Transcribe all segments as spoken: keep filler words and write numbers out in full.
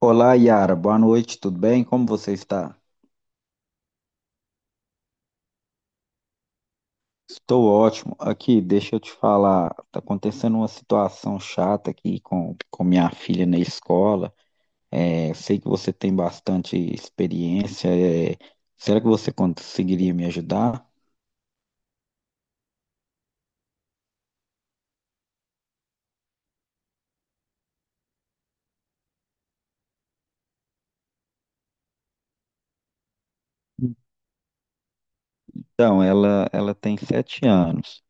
Olá, Yara. Boa noite, tudo bem? Como você está? Estou ótimo. Aqui, deixa eu te falar. Tá acontecendo uma situação chata aqui com, com minha filha na escola. É, sei que você tem bastante experiência. É, será que você conseguiria me ajudar? Então, ela, ela tem sete anos.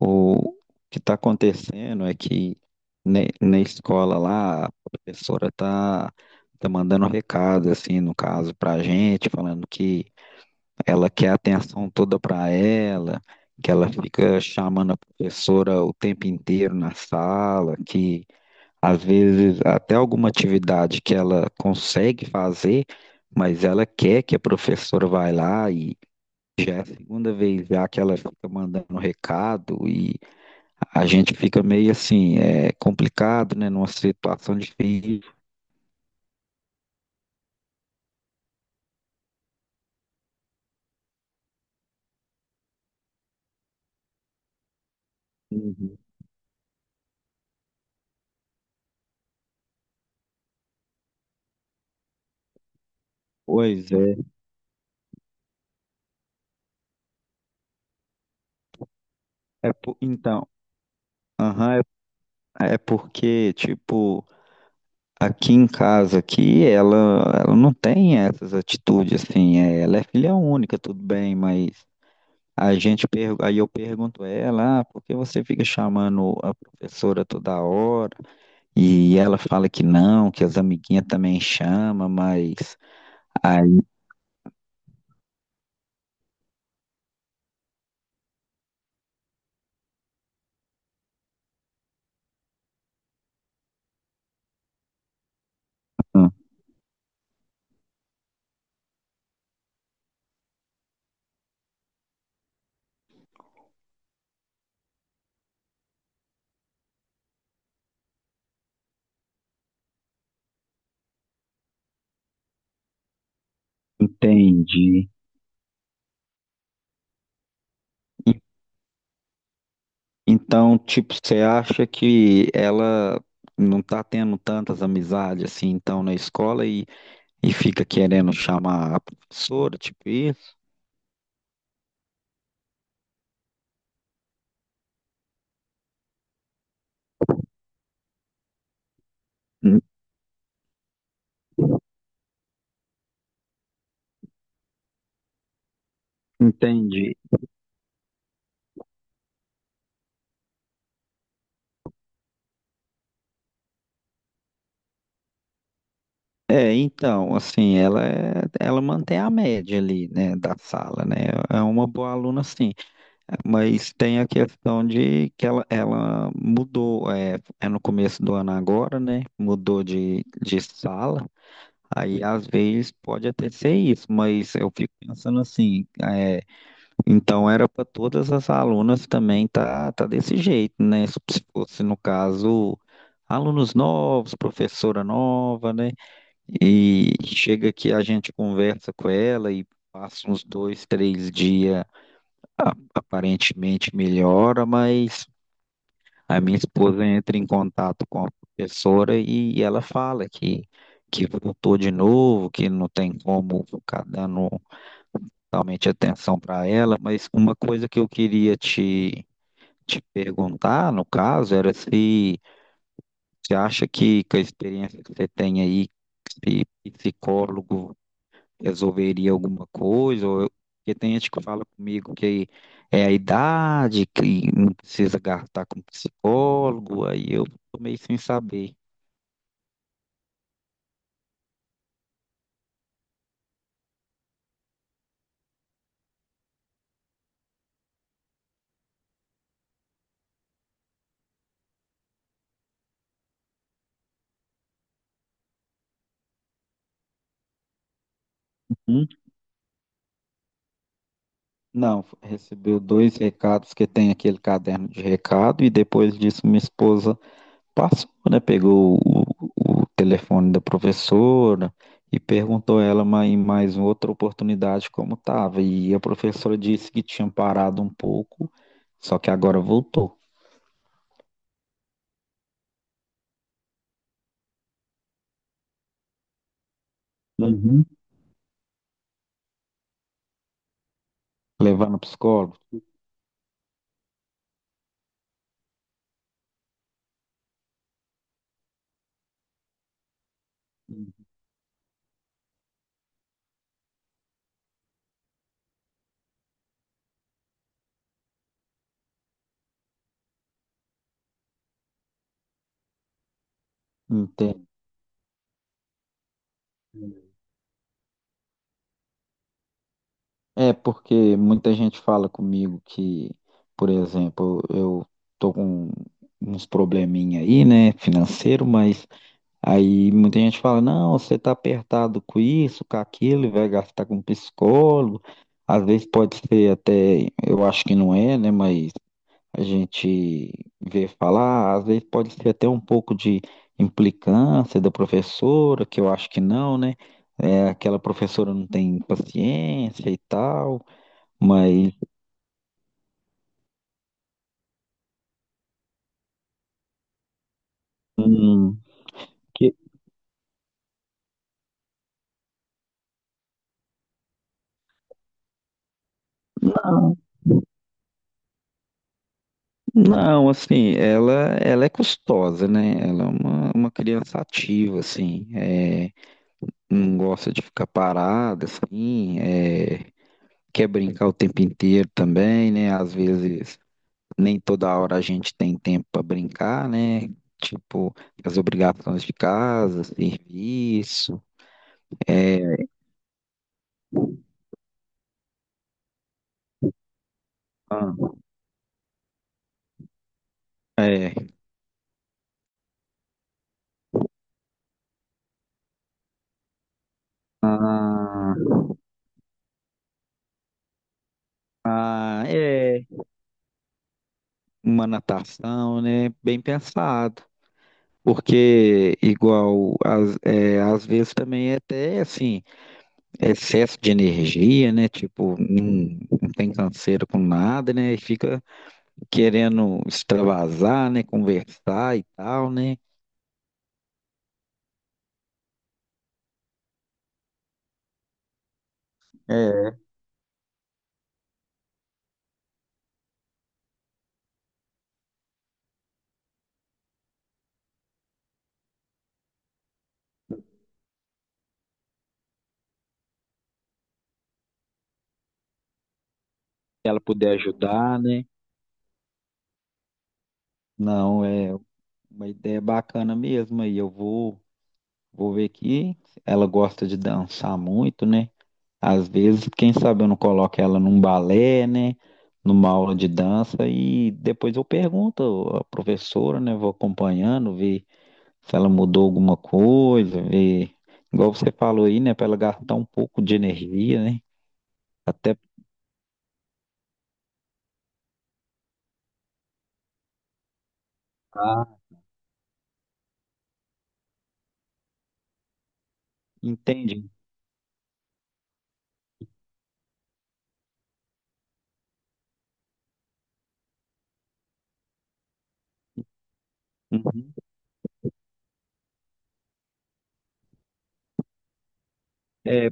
O que está acontecendo é que na, na escola lá, a professora tá, tá mandando recado, assim, no caso, para a gente, falando que ela quer a atenção toda para ela, que ela fica chamando a professora o tempo inteiro na sala, que às vezes até alguma atividade que ela consegue fazer, mas ela quer que a professora vai lá e já é a segunda vez já que ela fica mandando recado, e a gente fica meio assim, é complicado, né, numa situação difícil. Uhum. Pois é, é po- então, aham, é, é porque, tipo, aqui em casa, aqui, ela, ela não tem essas atitudes, assim, é, ela é filha única, tudo bem, mas a gente, per- aí eu pergunto a ela, ah, por que você fica chamando a professora toda hora? E ela fala que não, que as amiguinhas também chamam, mas aí, hum, entendi. E- Então, tipo, você acha que ela não tá tendo tantas amizades, assim, então, na escola, e, e fica querendo chamar a professora, tipo isso? Entendi. É, então, assim, ela é- ela mantém a média ali, né, da sala, né? É uma boa aluna, sim. Mas tem a questão de que ela, ela mudou, é, é no começo do ano agora, né? Mudou de, de sala. Aí, às vezes, pode até ser isso, mas eu fico pensando assim, é, então era para todas as alunas também tá, tá desse jeito, né? Se se fosse, no caso, alunos novos, professora nova, né? E chega que a gente conversa com ela, e passa uns dois, três dias, a- aparentemente melhora, mas a minha esposa entra em contato com a professora, e ela fala que, que voltou de novo, que não tem como ficar dando totalmente atenção para ela, mas uma coisa que eu queria te, te perguntar, no caso, era se você acha que, que a experiência que você tem aí, se psicólogo resolveria alguma coisa, ou eu porque tem gente que fala comigo que é a idade, que não precisa gastar com psicólogo, aí eu tô meio sem saber. Hum? Não, recebeu dois recados, que tem aquele caderno de recado, e depois disso minha esposa passou, né? Pegou o, o telefone da professora e perguntou ela ma- em mais uma outra oportunidade como estava. E a professora disse que tinha parado um pouco, só que agora voltou. Levar no psicólogo? Entendo. É porque muita gente fala comigo que, por exemplo, eu tô com uns probleminha aí, né, financeiro, mas aí muita gente fala, não, você tá apertado com isso, com aquilo, e vai gastar com psicólogo. Às vezes pode ser até, eu acho que não é, né, mas a gente vê falar, às vezes pode ser até um pouco de implicância da professora, que eu acho que não, né? É, aquela professora não tem paciência e tal, mas hum, que- ah, não, assim, ela, ela é custosa, né? Ela é uma, uma criança ativa, assim, é, não gosta de ficar parada, assim, é, quer brincar o tempo inteiro também, né? Às vezes nem toda hora a gente tem tempo para brincar, né? Tipo, as obrigações de casa, serviço, é, ah, é, ah, é, uma natação, né? Bem pensado. Porque, igual, às, é, às vezes também é até, assim, excesso de energia, né? Tipo, não, não tem canseira com nada, né? E fica querendo extravasar, né? Conversar e tal, né? É, se ela puder ajudar, né? Não, é uma ideia bacana mesmo. Aí eu vou, vou ver que ela gosta de dançar muito, né? Às vezes, quem sabe eu não coloco ela num balé, né? Numa aula de dança, e depois eu pergunto à professora, né? Vou acompanhando, ver se ela mudou alguma coisa, ver. Igual você falou aí, né? Para ela gastar um pouco de energia, né? Até ah, entende. Uhum. É,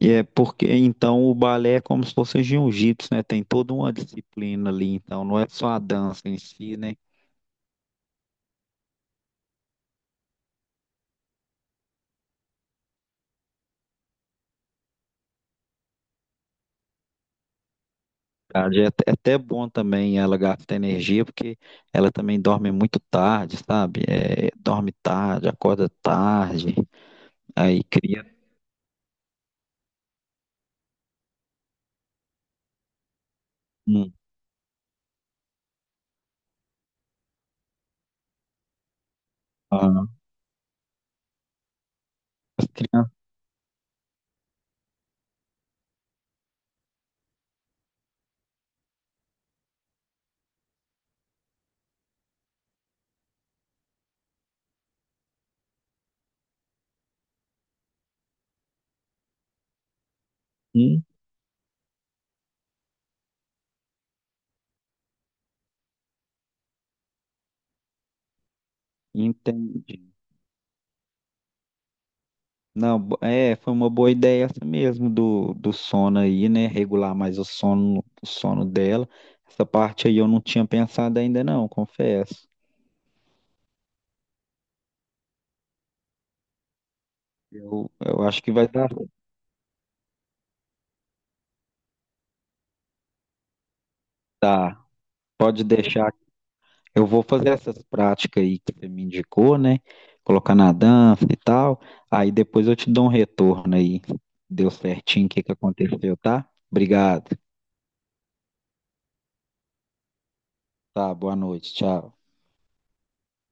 e é porque então o balé é como se fosse jiu-jitsu, né? Tem toda uma disciplina ali, então não é só a dança em si, né? Verdade, é até é até bom também ela gastar energia, porque ela também dorme muito tarde, sabe? É, dorme tarde, acorda tarde, aí cria. Hum, ah, as crianças. Hum, entendi. Não, bo- é, foi uma boa ideia essa mesmo do, do sono aí, né? Regular mais o sono, o sono dela. Essa parte aí eu não tinha pensado ainda, não, confesso. Eu, eu acho que vai dar. Tá, pode deixar. Eu vou fazer essas práticas aí que você me indicou, né? Colocar na dança e tal. Aí depois eu te dou um retorno aí. Deu certinho o que que aconteceu, tá? Obrigado. Tá, boa noite. Tchau.